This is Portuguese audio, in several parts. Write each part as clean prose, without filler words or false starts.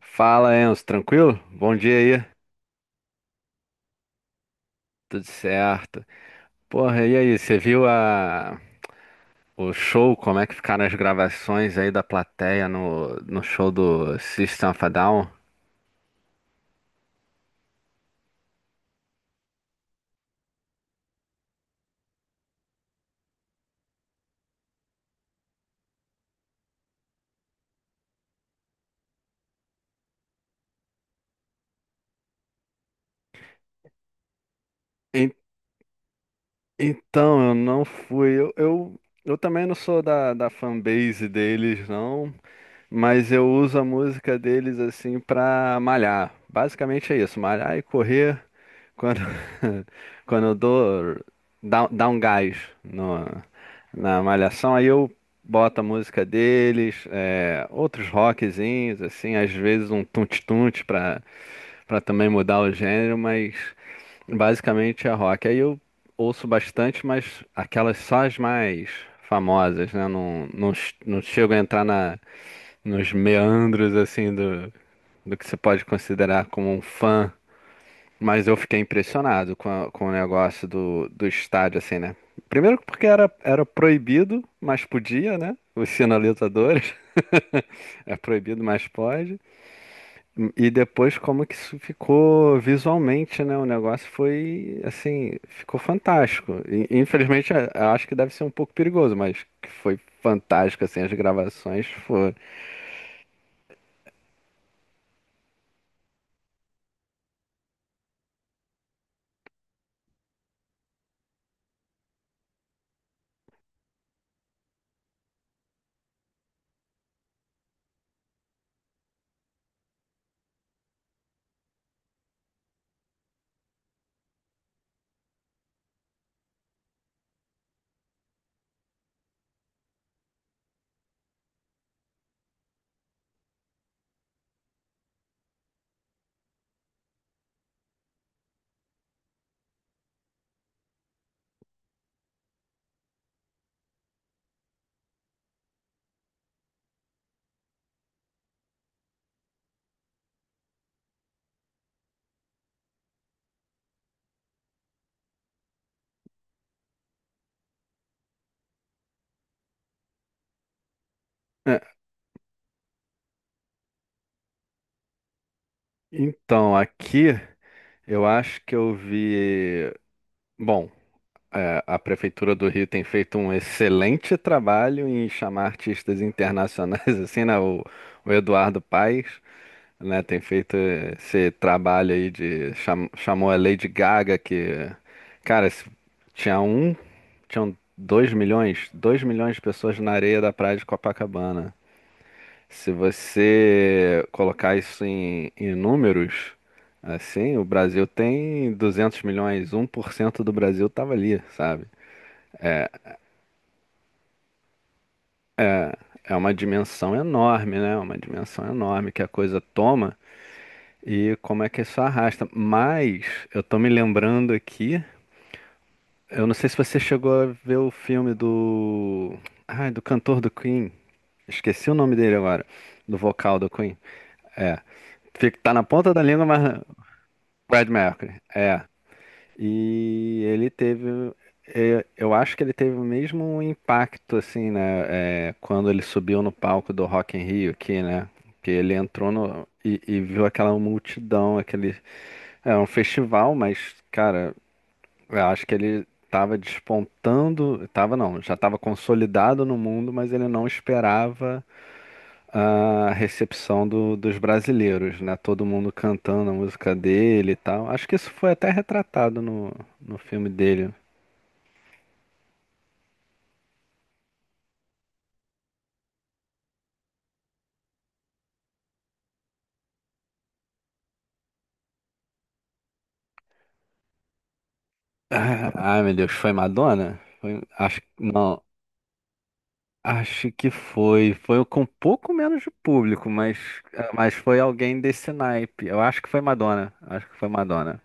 Fala, Enzo, tranquilo? Bom dia aí. Tudo certo. Porra, e aí, o show, como é que ficaram as gravações aí da plateia no show do System of a Down? En- Então, eu não fui. Eu também não sou da fanbase deles, não, mas eu uso a música deles assim pra malhar. Basicamente é isso, malhar e correr. Quando, quando dá um gás no- na malhação, aí eu boto a música deles, outros rockzinhos, assim, às vezes um tunte-tunte pra também mudar o gênero, mas basicamente é rock. Aí eu ouço bastante, mas aquelas só as mais famosas, né? Não chego a entrar nos meandros, assim, do que você pode considerar como um fã, mas eu fiquei impressionado com o negócio do estádio, assim, né? Primeiro porque era proibido, mas podia, né? Os sinalizadores. É proibido, mas pode. E depois como que isso ficou visualmente, né? O negócio foi, assim, ficou fantástico. E, infelizmente, eu acho que deve ser um pouco perigoso, mas que foi fantástico, assim, as gravações foram. É. Então, aqui eu acho que eu vi. Bom. É, a Prefeitura do Rio tem feito um excelente trabalho em chamar artistas internacionais, assim, né? O Eduardo Paes, né, tem feito esse trabalho aí de... chamou a Lady Gaga, que... Cara, se- tinha um... Tinham dois milhões de pessoas na areia da praia de Copacabana. Se você colocar isso em números, assim, o Brasil tem 200 milhões, um por cento do Brasil tava ali, sabe? É uma dimensão enorme, né? Uma dimensão enorme que a coisa toma e como é que isso arrasta. Mas eu tô me lembrando aqui, eu não sei se você chegou a ver o filme do. Ai, do cantor do Queen. Esqueci o nome dele agora. Do vocal do Queen. É. Tá na ponta da língua, mas. Fred Mercury. É. E ele teve, é, eu acho que ele teve o mesmo impacto, assim, né? É, quando ele subiu no palco do Rock in Rio aqui, né? Que ele entrou no, e viu aquela multidão, aquele. É um festival, mas, cara, eu acho que ele tava despontando. Tava não, já tava consolidado no mundo, mas ele não esperava a recepção dos brasileiros, né? Todo mundo cantando a música dele e tal. Acho que isso foi até retratado no, no filme dele. Ah, ai, meu Deus, foi Madonna? Foi, acho, não, acho que foi. Foi com um pouco menos de público, mas, ah, mas foi alguém desse naipe. Eu acho que foi Madonna. Acho que foi Madonna.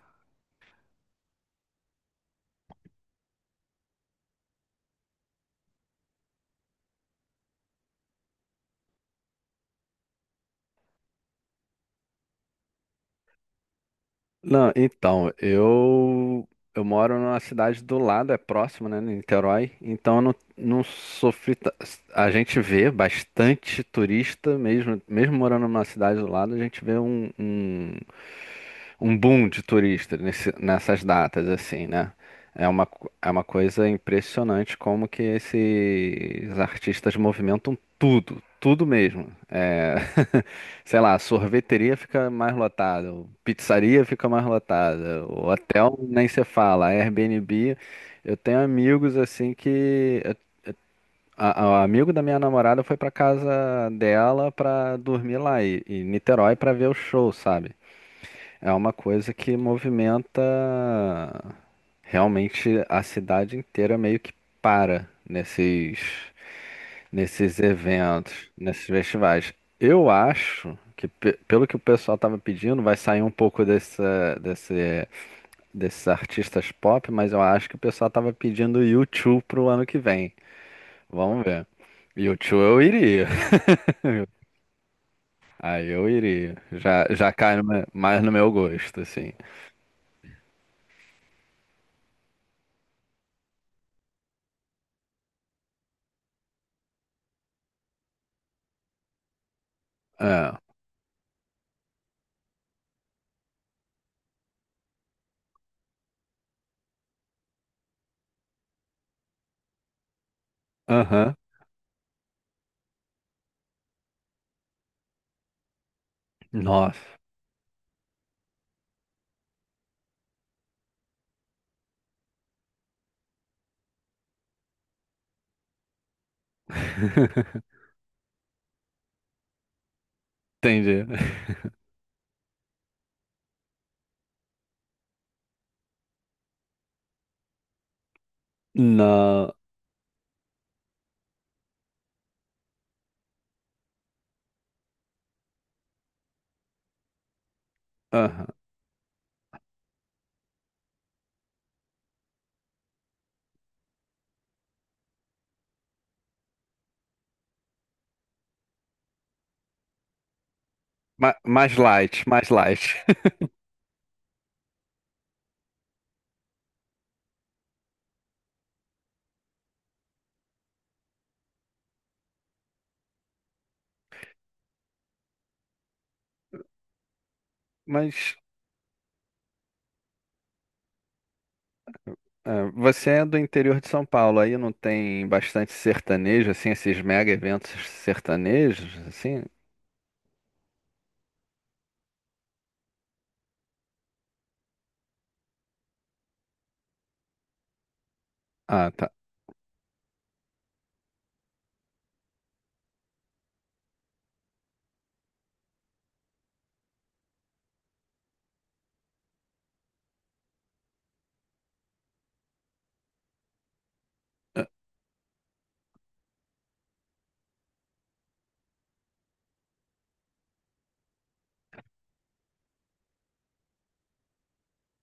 Não, então, eu moro numa cidade do lado, é próximo, né, Niterói, então eu não, não sofri. A gente vê bastante turista, mesmo, mesmo morando numa cidade do lado, a gente vê um boom de turistas nessas datas, assim, né? É uma, é uma coisa impressionante como que esses artistas movimentam tudo, tudo mesmo. É. Sei lá, sorveteria fica mais lotada, pizzaria fica mais lotada, o hotel nem se fala, Airbnb. Eu tenho amigos assim que. Amigo da minha namorada foi pra casa dela pra dormir lá, em Niterói pra ver o show, sabe? É uma coisa que movimenta realmente a cidade inteira meio que para nesses eventos, nesses festivais. Eu acho que, pelo que o pessoal estava pedindo, vai sair um pouco desses artistas pop, mas eu acho que o pessoal estava pedindo U2 pro ano que vem. Vamos ver. U2 eu iria. Aí eu iria. Já cai mais no meu gosto, assim. É. Aham. Nossa. Entendi. Não. Aham. Mais light, mais light. Mas é, você é do interior de São Paulo, aí não tem bastante sertanejo, assim, esses mega eventos sertanejos, assim? Ah, tá. Ah,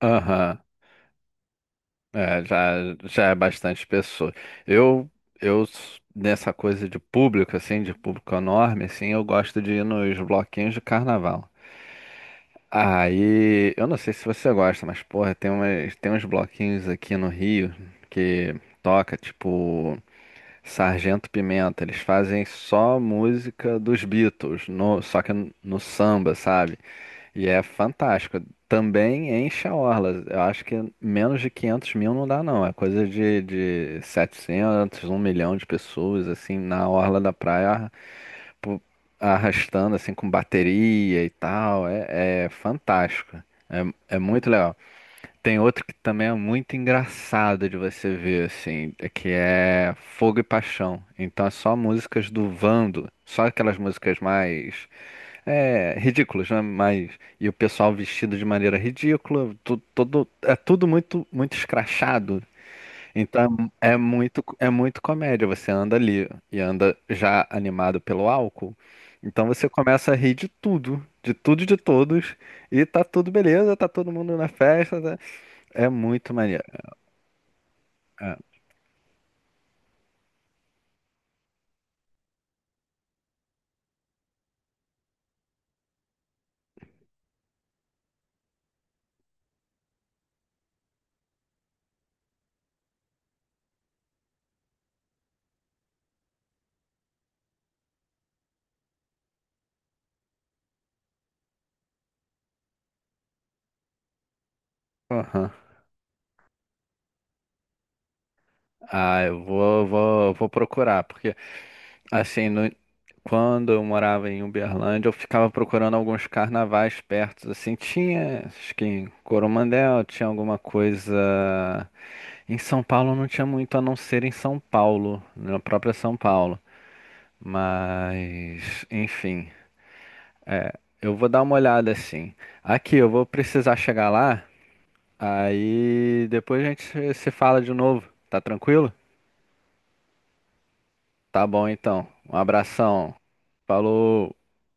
aham. É, já é bastante pessoa. Eu, nessa coisa de público, assim, de público enorme, assim, eu gosto de ir nos bloquinhos de carnaval. Aí, eu não sei se você gosta, mas, porra, tem uns bloquinhos aqui no Rio que toca, tipo. Sargento Pimenta, eles fazem só música dos Beatles, só que no samba, sabe? E é fantástico. Também enche a orla. Eu acho que menos de 500 mil não dá, não. É coisa de 700, um milhão de pessoas, assim, na orla da praia, pu- arrastando, assim, com bateria e tal. É, é fantástico. É, é muito legal. Tem outro que também é muito engraçado de você ver, assim, é que é Fogo e Paixão. Então é só músicas do Vando, só aquelas músicas mais é, ridículas, né? Mas, e o pessoal vestido de maneira ridícula, todo, é tudo muito escrachado. Então é muito comédia. Você anda ali e anda já animado pelo álcool. Então você começa a rir de tudo e de todos, e tá tudo beleza, tá todo mundo na festa, tá é muito maneiro. Ah, aham. Ah, vou procurar, porque assim, quando eu morava em Uberlândia, eu ficava procurando alguns carnavais perto, assim, tinha, acho que em Coromandel tinha alguma coisa. Em São Paulo não tinha muito, a não ser em São Paulo, na própria São Paulo. Mas, enfim, é, eu vou dar uma olhada assim. Aqui, eu vou precisar chegar lá, aí depois a gente se fala de novo, tá tranquilo? Tá bom então. Um abração. Falou.